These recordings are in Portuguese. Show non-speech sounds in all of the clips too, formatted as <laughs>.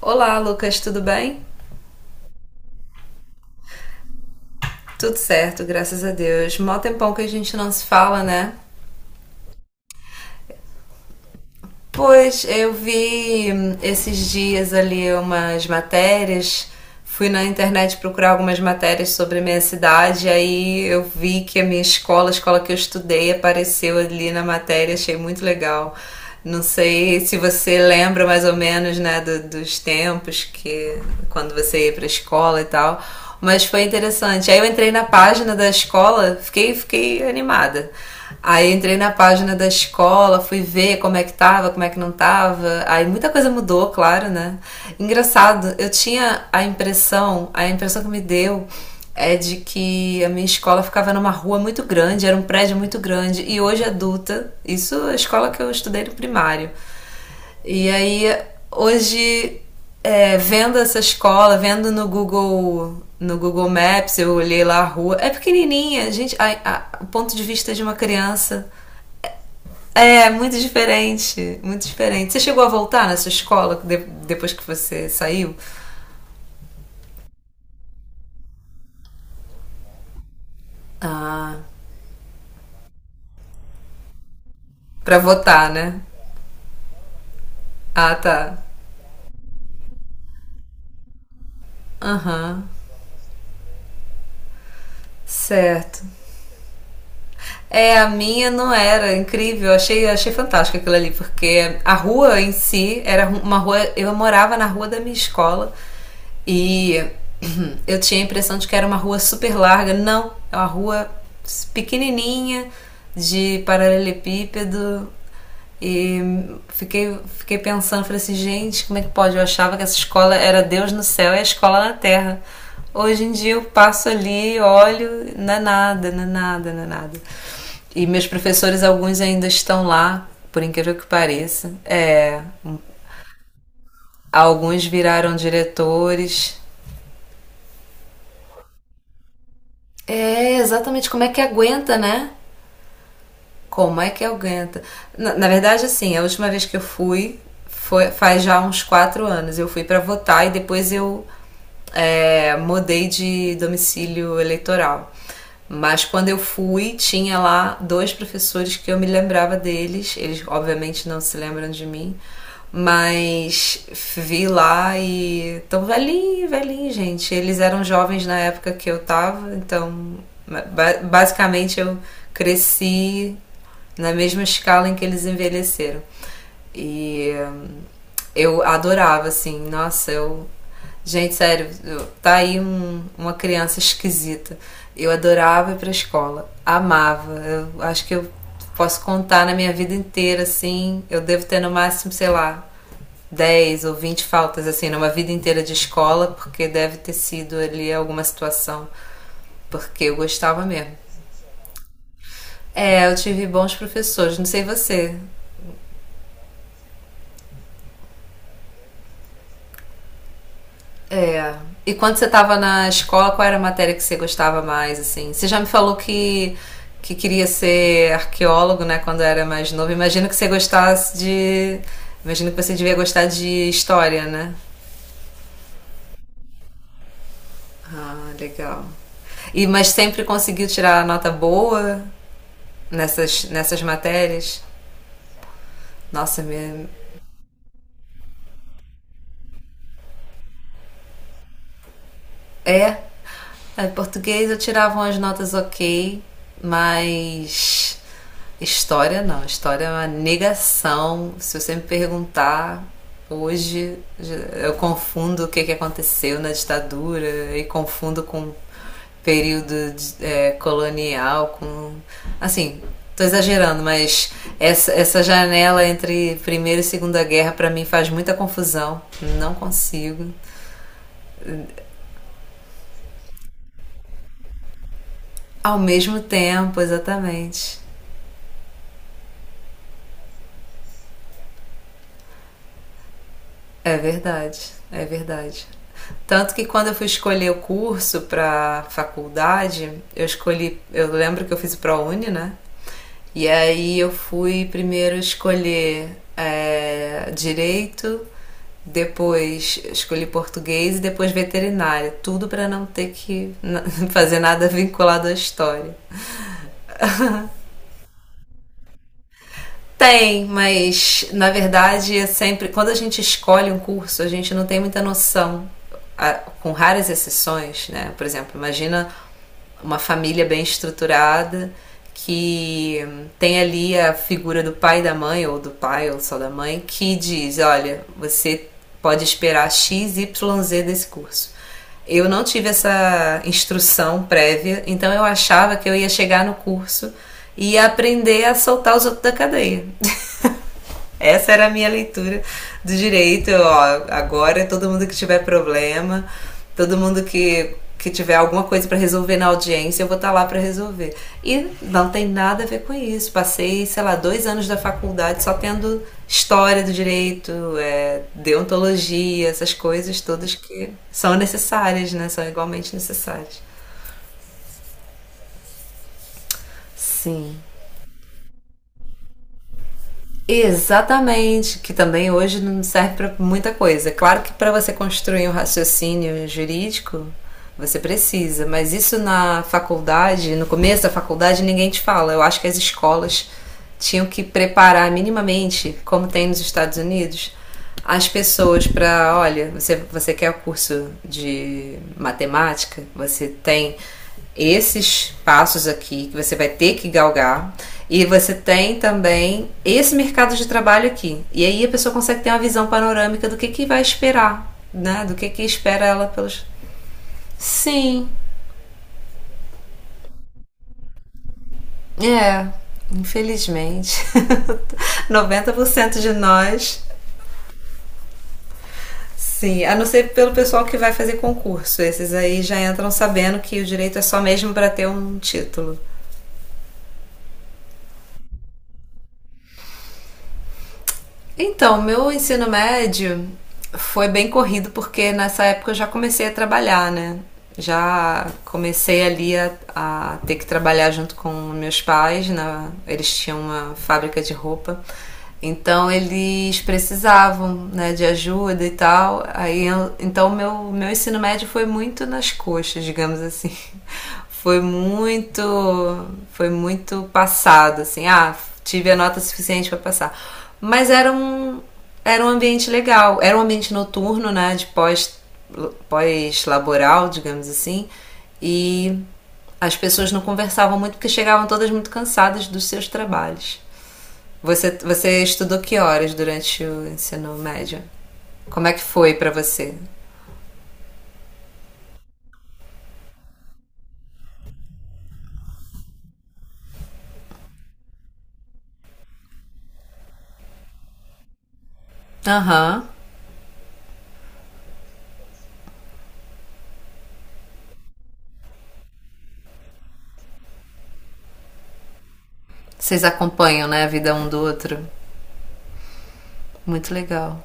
Olá, Lucas, tudo bem? Tudo certo, graças a Deus. Mó tempão que a gente não se fala, né? Pois, eu vi esses dias ali umas matérias, fui na internet procurar algumas matérias sobre a minha cidade, aí eu vi que a minha escola, a escola que eu estudei, apareceu ali na matéria, achei muito legal. Não sei se você lembra mais ou menos, né, dos tempos que quando você ia para a escola e tal, mas foi interessante. Aí eu entrei na página da escola, fiquei animada. Aí entrei na página da escola, fui ver como é que tava, como é que não tava. Aí muita coisa mudou, claro, né? Engraçado, eu tinha a impressão que me deu é de que a minha escola ficava numa rua muito grande, era um prédio muito grande. E hoje adulta, isso é a escola que eu estudei no primário. E aí, hoje, é, vendo essa escola, vendo no Google Maps, eu olhei lá a rua. É pequenininha, gente. O ponto de vista de uma criança é muito diferente, muito diferente. Você chegou a voltar nessa escola depois que você saiu? Ah, pra votar, né? Ah, tá. Aham, uhum, certo. É, a minha não era incrível, achei, achei fantástico aquilo ali, porque a rua em si era uma rua. Eu morava na rua da minha escola e <clears throat> eu tinha a impressão de que era uma rua super larga. Não, é uma rua pequenininha de paralelepípedo. E fiquei pensando, falei assim, gente, como é que pode? Eu achava que essa escola era Deus no céu e a escola na terra. Hoje em dia eu passo ali, olho, não é nada, não é nada, não é nada. E meus professores, alguns ainda estão lá, por incrível que pareça. É, alguns viraram diretores. É, exatamente, como é que aguenta, né? Como é que aguenta? Na verdade, assim, a última vez que eu fui foi faz já uns 4 anos. Eu fui para votar e depois eu é, mudei de domicílio eleitoral. Mas quando eu fui, tinha lá dois professores que eu me lembrava deles. Eles, obviamente, não se lembram de mim, mas vi lá e tão velhinho, velhinho, gente. Eles eram jovens na época que eu tava, então basicamente eu cresci na mesma escala em que eles envelheceram. E eu adorava, assim, nossa, eu gente, sério, tá aí uma criança esquisita. Eu adorava ir pra escola, amava. Eu acho que eu posso contar na minha vida inteira, assim. Eu devo ter no máximo, sei lá, 10 ou 20 faltas, assim, numa vida inteira de escola, porque deve ter sido ali alguma situação. Porque eu gostava mesmo. É, eu tive bons professores, não sei você. É. E quando você estava na escola, qual era a matéria que você gostava mais, assim? Você já me falou que queria ser arqueólogo, né, quando era mais novo. Imagino que você gostasse de... Imagino que você devia gostar de história, né? Ah, legal. E, mas sempre conseguiu tirar nota boa nessas matérias? Nossa, me, é. É, português eu tirava umas notas ok, mas história não. História é uma negação. Se você me perguntar hoje, eu confundo o que, que aconteceu na ditadura e confundo com período é, colonial, com. Assim, tô exagerando, mas essa janela entre Primeira e Segunda Guerra para mim faz muita confusão. Não consigo. Ao mesmo tempo, exatamente. É verdade, é verdade. Tanto que quando eu fui escolher o curso para faculdade, eu escolhi, eu lembro que eu fiz o ProUni, né? E aí eu fui primeiro escolher é, direito, depois escolhi português e depois veterinária, tudo para não ter que <laughs> fazer nada vinculado à história. Tem, mas na verdade é sempre. Quando a gente escolhe um curso, a gente não tem muita noção, a- com raras exceções, né? Por exemplo, imagina uma família bem estruturada que tem ali a figura do pai e da mãe, ou do pai ou só da mãe, que diz: olha, você pode esperar X, Y, Z desse curso. Eu não tive essa instrução prévia, então eu achava que eu ia chegar no curso e aprender a soltar os outros da cadeia. Essa era a minha leitura do direito. Ó, agora, todo mundo que tiver problema, todo mundo que tiver alguma coisa para resolver na audiência, eu vou estar tá lá para resolver. E não tem nada a ver com isso. Passei, sei lá, 2 anos da faculdade só tendo história do direito, é, deontologia, essas coisas todas que são necessárias, né? São igualmente necessárias. Sim. Exatamente, que também hoje não serve para muita coisa. Claro que para você construir um raciocínio jurídico, você precisa, mas isso na faculdade, no começo da faculdade, ninguém te fala. Eu acho que as escolas tinham que preparar minimamente, como tem nos Estados Unidos, as pessoas para, olha, você, você quer o curso de matemática? Você tem esses passos aqui que você vai ter que galgar. E você tem também esse mercado de trabalho aqui. E aí a pessoa consegue ter uma visão panorâmica do que vai esperar, né? Do que espera ela pelos. Sim, é. Infelizmente, <laughs> 90% de nós sim, a não ser pelo pessoal que vai fazer concurso. Esses aí já entram sabendo que o direito é só mesmo para ter um título. Então, meu ensino médio foi bem corrido porque nessa época eu já comecei a trabalhar, né? Já comecei ali a ter que trabalhar junto com meus pais, eles tinham uma fábrica de roupa. Então eles precisavam né, de ajuda e tal. Aí eu- então meu ensino médio foi muito nas coxas, digamos assim. Foi muito passado, assim, ah, tive a nota suficiente para passar. Mas era um ambiente legal, era um ambiente noturno, né, de pós, pós-laboral, digamos assim, e as pessoas não conversavam muito porque chegavam todas muito cansadas dos seus trabalhos. Você estudou que horas durante o ensino médio? Como é que foi para você? Aham. Uhum. Vocês acompanham, né, a vida um do outro? Muito legal.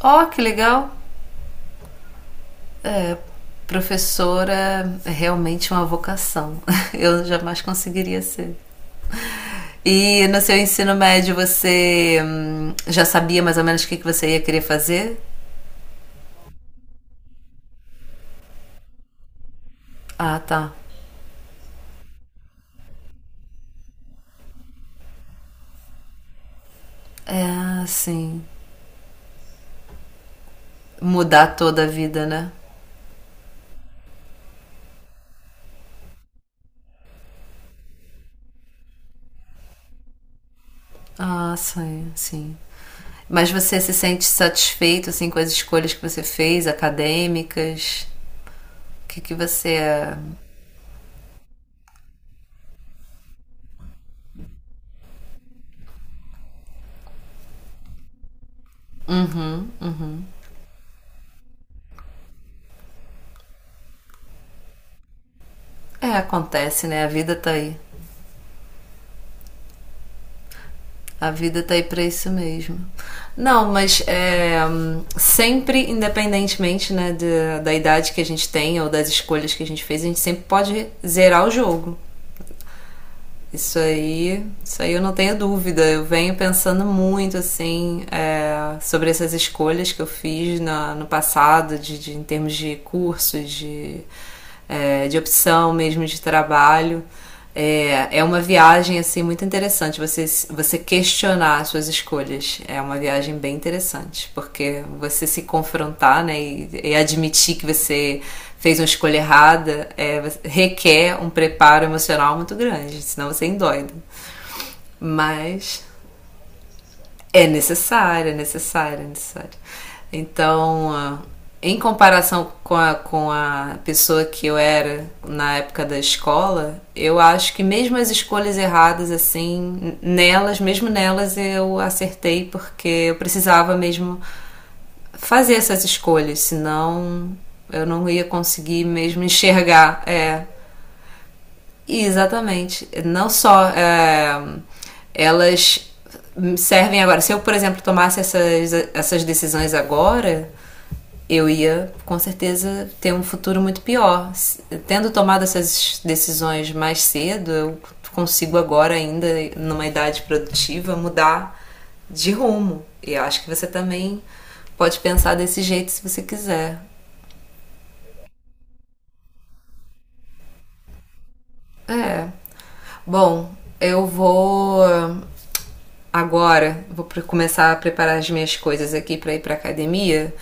Ó, que legal! Professora é realmente uma vocação. <laughs> Eu jamais conseguiria ser. E no seu ensino médio você já sabia mais ou menos o que que você ia querer fazer? Ah, tá. É, sim. Mudar toda a vida, né? Ah, sim, sim. Mas você se sente satisfeito assim com as escolhas que você fez, acadêmicas? O que que você é, acontece, né? A vida tá aí. A vida tá aí pra isso mesmo. Não, mas é, sempre, independentemente né, da, da idade que a gente tem ou das escolhas que a gente fez, a gente sempre pode zerar o jogo. Isso aí eu não tenho dúvida. Eu venho pensando muito assim é, sobre essas escolhas que eu fiz na- no passado, de, em termos de curso, de, é, de opção mesmo de trabalho. É, é uma viagem assim muito interessante. Você questionar as suas escolhas é uma viagem bem interessante, porque você se confrontar, né, e admitir que você fez uma escolha errada, é, requer um preparo emocional muito grande, senão você endoida. Mas é necessário, é necessário, é necessário. Então, ah, em comparação com a pessoa que eu era na época da escola, eu acho que mesmo as escolhas erradas, assim, nelas, mesmo nelas eu acertei, porque eu precisava mesmo fazer essas escolhas, senão eu não ia conseguir mesmo enxergar é, exatamente. Não só é, elas servem agora. Se eu, por exemplo, tomasse essas decisões agora, eu ia com certeza ter um futuro muito pior. Tendo tomado essas decisões mais cedo, eu consigo agora, ainda numa idade produtiva, mudar de rumo. E eu acho que você também pode pensar desse jeito se você quiser. É. Bom, eu vou agora, vou começar a preparar as minhas coisas aqui para ir para academia,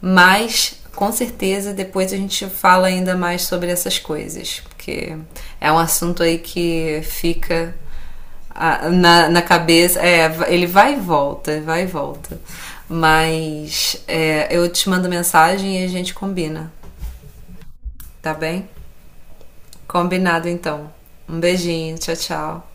mas com certeza depois a gente fala ainda mais sobre essas coisas, porque é um assunto aí que fica ah, na cabeça, é, ele vai e volta, vai e volta. Mas é, eu te mando mensagem e a gente combina, tá bem? Combinado então. Um beijinho, tchau, tchau.